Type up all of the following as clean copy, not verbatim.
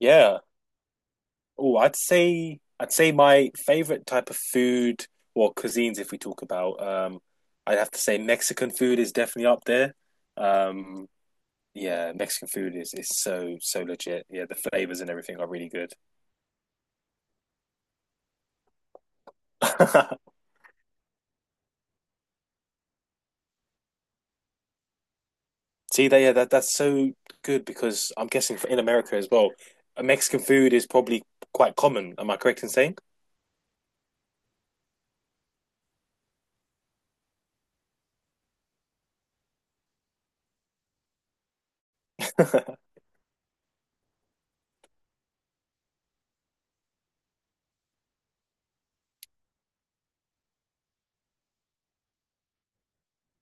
Yeah. Oh, I'd say my favorite type of food or cuisines, if we talk about, I'd have to say Mexican food is definitely up there. Um, yeah, Mexican food is so so legit. Yeah, the flavors and everything are really good. See that? Yeah, that's so good because I'm guessing for in America as well, Mexican food is probably quite common. Am I correct in saying?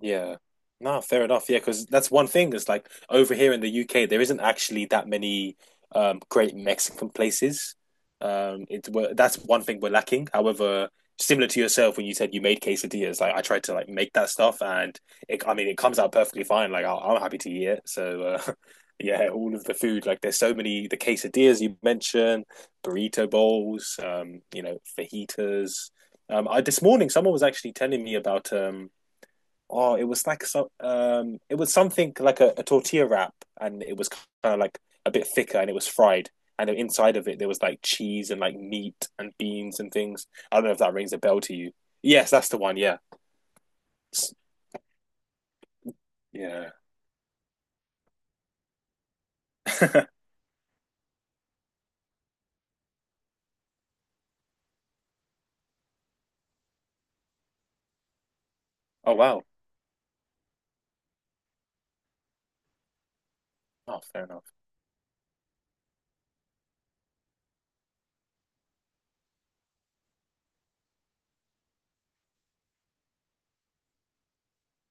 Yeah. No, fair enough. Yeah, because that's one thing. It's like over here in the UK, there isn't actually that many great Mexican places. That's one thing we're lacking. However, similar to yourself when you said you made quesadillas, like I tried to like make that stuff, and it, I mean, it comes out perfectly fine. Like I'm happy to eat it. So yeah, all of the food, like there's so many the quesadillas you mentioned, burrito bowls, you know, fajitas. I this morning someone was actually telling me about oh, it was like some it was something like a tortilla wrap, and it was kind of like a bit thicker, and it was fried. And inside of it, there was like cheese and like meat and beans and things. I don't know if that rings a bell to you. Yes, that's the one. Yeah, yeah. Oh wow. Oh, fair enough.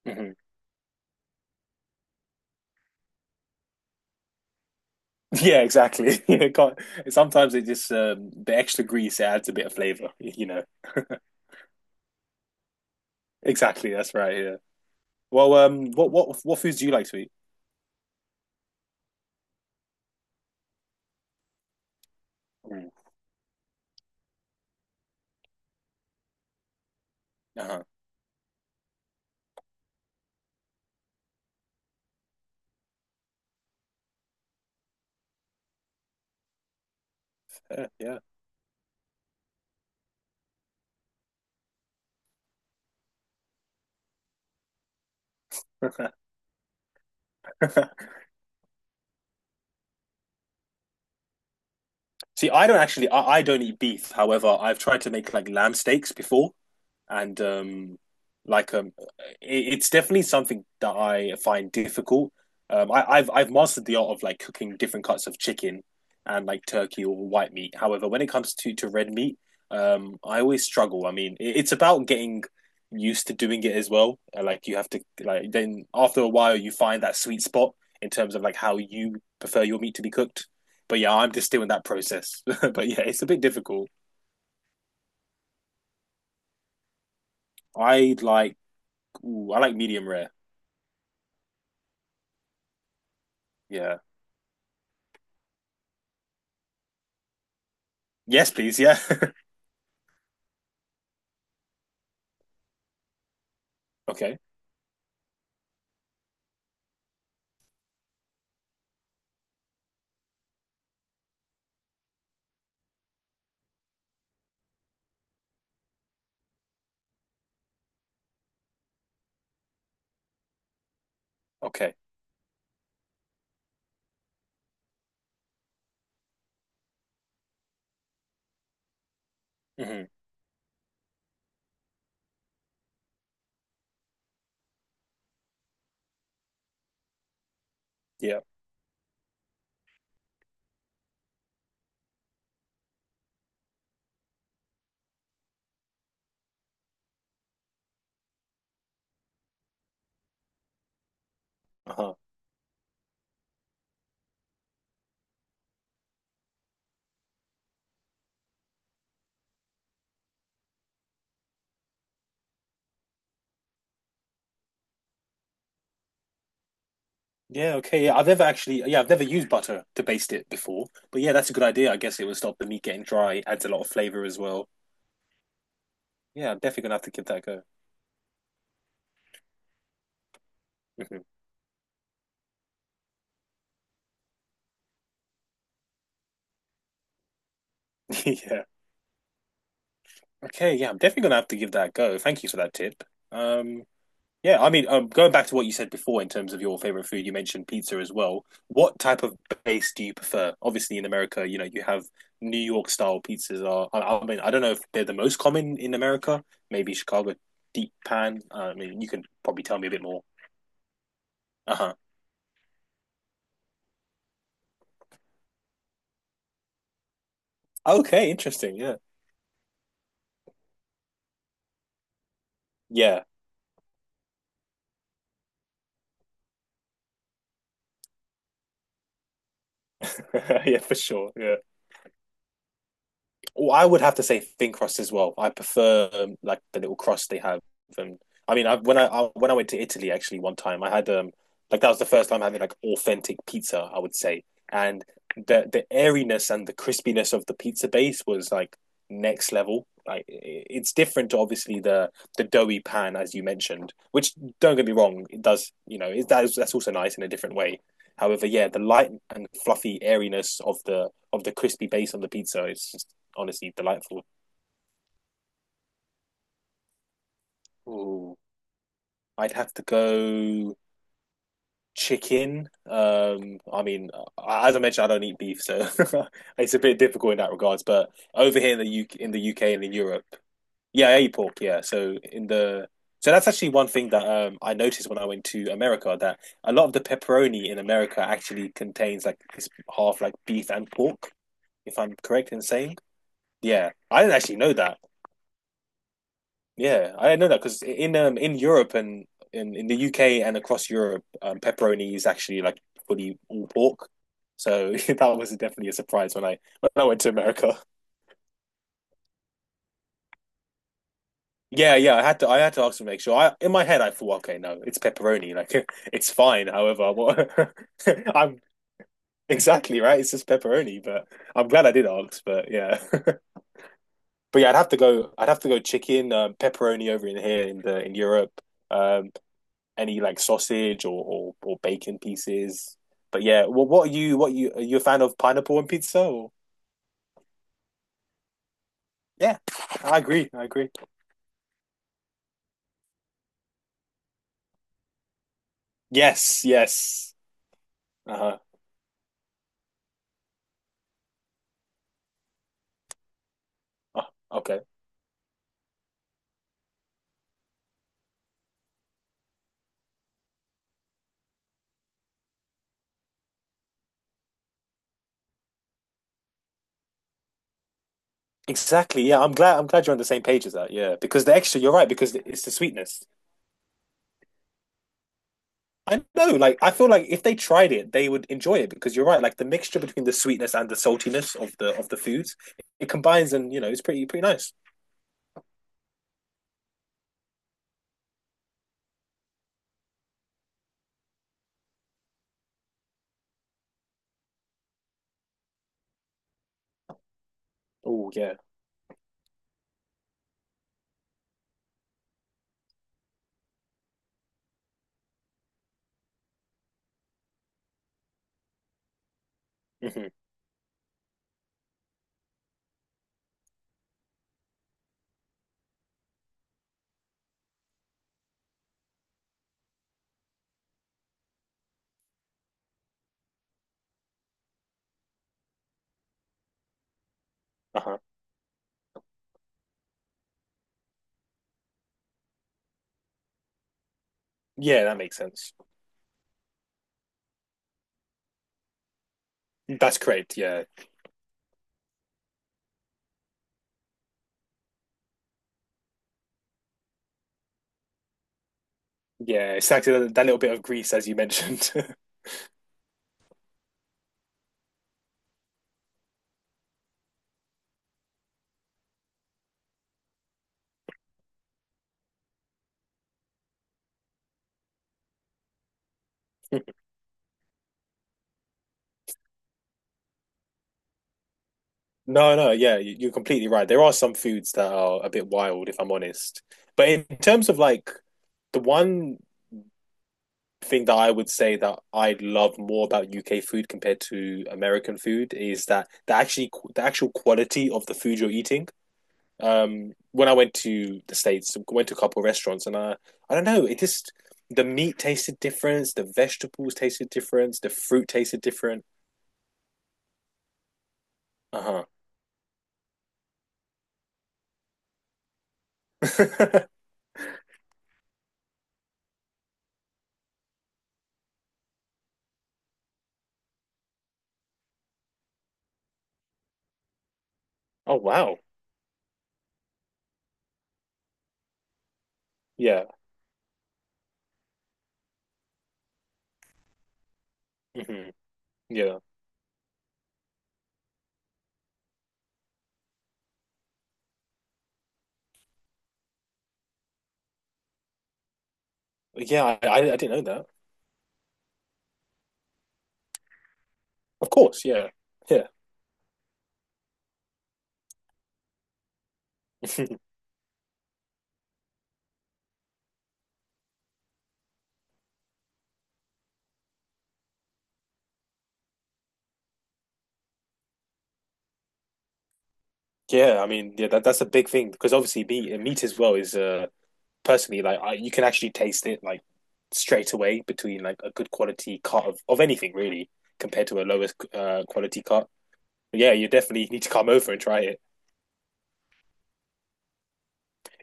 hmm Yeah, exactly. It can't, sometimes it just the extra grease it adds a bit of flavor. Exactly. That's right. Yeah. Well, what foods do you like to eat? Mm. Uh-huh. Yeah. Yeah. See, I don't actually, I don't eat beef. However, I've tried to make like lamb steaks before, and like um, it, it's definitely something that I find difficult. I've mastered the art of like cooking different cuts of chicken and like turkey or white meat. However, when it comes to red meat, I always struggle. I mean, it, it's about getting used to doing it as well. Like you have to like then after a while you find that sweet spot in terms of like how you prefer your meat to be cooked. But yeah, I'm just still in that process. But yeah, it's a bit difficult. I like ooh, I like medium rare. Yeah, yes, please. Yeah. Okay. Okay. hmm Yeah. Uh-huh. Yeah. Okay. Yeah. I've never actually. Yeah. I've never used butter to baste it before. But yeah, that's a good idea. I guess it would stop the meat getting dry. Adds a lot of flavor as well. Yeah. I'm definitely gonna have to give that a go. hmm Yeah. Okay. Yeah. I'm definitely gonna have to give that a go. Thank you for that tip. Um. Yeah, I mean, going back to what you said before in terms of your favorite food, you mentioned pizza as well. What type of base do you prefer? Obviously, in America, you know, you have New York style pizzas are, I mean, I don't know if they're the most common in America, maybe Chicago deep pan. I mean, you can probably tell me a bit more. Uh-huh. Okay, interesting. Yeah. Yeah. Yeah, for sure. Yeah. Well, I would have to say thin crust as well. I prefer like the little crust they have. And I mean, I when I went to Italy actually one time, I had like that was the first time having like authentic pizza, I would say, and the airiness and the crispiness of the pizza base was like next level. Like it's different to obviously the doughy pan as you mentioned, which don't get me wrong, it does you know it, that is, that's also nice in a different way. However, yeah, the light and fluffy airiness of the crispy base on the pizza is just honestly delightful. Ooh, I'd have to go chicken. I mean, as I mentioned, I don't eat beef, so it's a bit difficult in that regards. But over here in the UK, in the UK and in Europe, yeah, I eat pork. Yeah, so in the so that's actually one thing that I noticed when I went to America that a lot of the pepperoni in America actually contains like this half like beef and pork, if I'm correct in saying. Yeah, I didn't actually know that. Yeah, I know that because in Europe and in the UK and across Europe, pepperoni is actually like fully all pork. So that was definitely a surprise when I went to America. Yeah, yeah, I had to ask to make sure. I in my head I thought, okay, no, it's pepperoni, like it's fine. However, what I'm exactly right. It's just pepperoni, but I'm glad I did ask. But yeah, but yeah, I'd have to go chicken, pepperoni over in here in the in Europe. Um, any like sausage or bacon pieces. But yeah, well, what are you? What are you? Are you a fan of pineapple and pizza? Or? Yeah, I agree. Yes, yes. Uh-huh. Oh, okay. Exactly. Yeah, I'm glad you're on the same page as that. Yeah, because the extra, you're right. Because it's the sweetness. I know, like I feel like if they tried it, they would enjoy it because you're right, like the mixture between the sweetness and the saltiness of the foods, it combines and you know, it's pretty pretty nice. Oh yeah. hmm Uh-huh. Yeah, that makes sense. That's correct. Yeah. Yeah, exactly that, that little bit of grease as you mentioned. No, no, yeah, you're completely right. There are some foods that are a bit wild, if I'm honest. But in terms of like the one thing that I would say that I love more about UK food compared to American food is that the actually the actual quality of the food you're eating. When I went to the States, went to a couple of restaurants, and I don't know, it just the meat tasted different, the vegetables tasted different, the fruit tasted different. Uh-huh. Oh wow. Yeah. hmm Yeah. Yeah, I didn't know that. Of course, yeah, yeah, yeah. I mean, yeah, that that's a big thing because obviously meat as well is personally like I, you can actually taste it like straight away between like a good quality cut of anything really compared to a lowest quality cut. Yeah, you definitely need to come over and try it.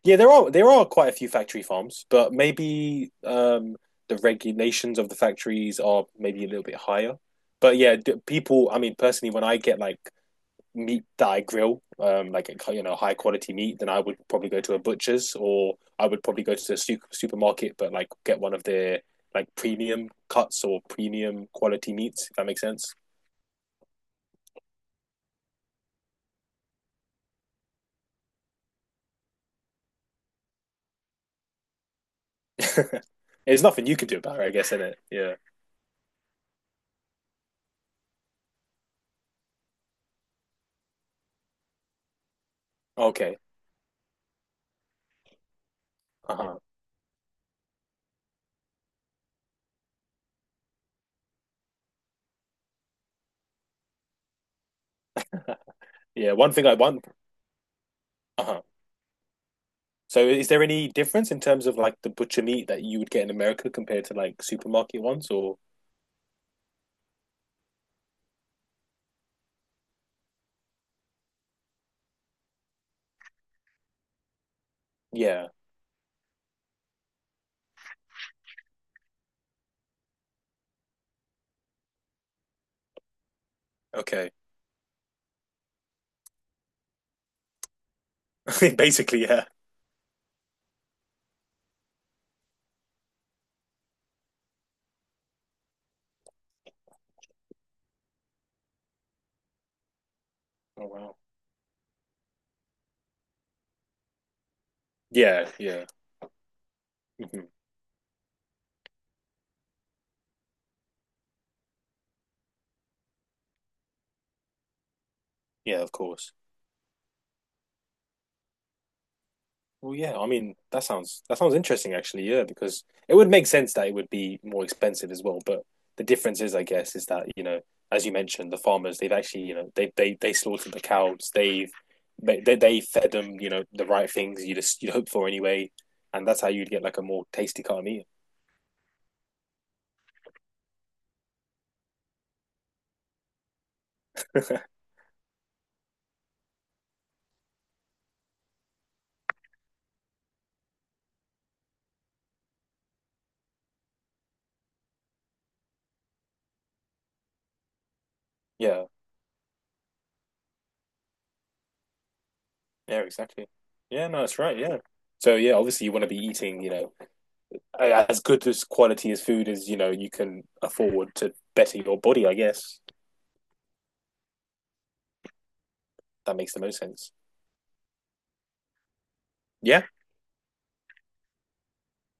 Yeah, there are quite a few factory farms, but maybe the regulations of the factories are maybe a little bit higher. But yeah, people. I mean, personally, when I get like meat that I grill, like you know, high quality meat, then I would probably go to a butcher's or I would probably go to the supermarket, but like get one of their like premium cuts or premium quality meats. If that makes sense. There's nothing you can do about it, I guess, isn't it. Yeah. Okay. Uh huh. Yeah. One thing I want. Uh huh. So, is there any difference in terms of like the butcher meat that you would get in America compared to like supermarket ones? Or yeah. Okay. Basically, yeah. Oh wow. Yeah. Yeah. hmm Yeah. Of course. Well, yeah, I mean, that sounds interesting actually, yeah, because it would make sense that it would be more expensive as well. But the difference is, I guess, is that, you know, as you mentioned, the farmers, they've actually, you know, they slaughtered the cows, they've they fed them, you know, the right things you just you'd hope for anyway, and that's how you'd get like a more tasty cut of meat. Yeah, yeah, exactly. Yeah, no, that's right, yeah. So yeah, obviously you want to be eating, you know, as good as quality as food as, you know, you can afford to better your body, I guess. That makes the most sense. Yeah.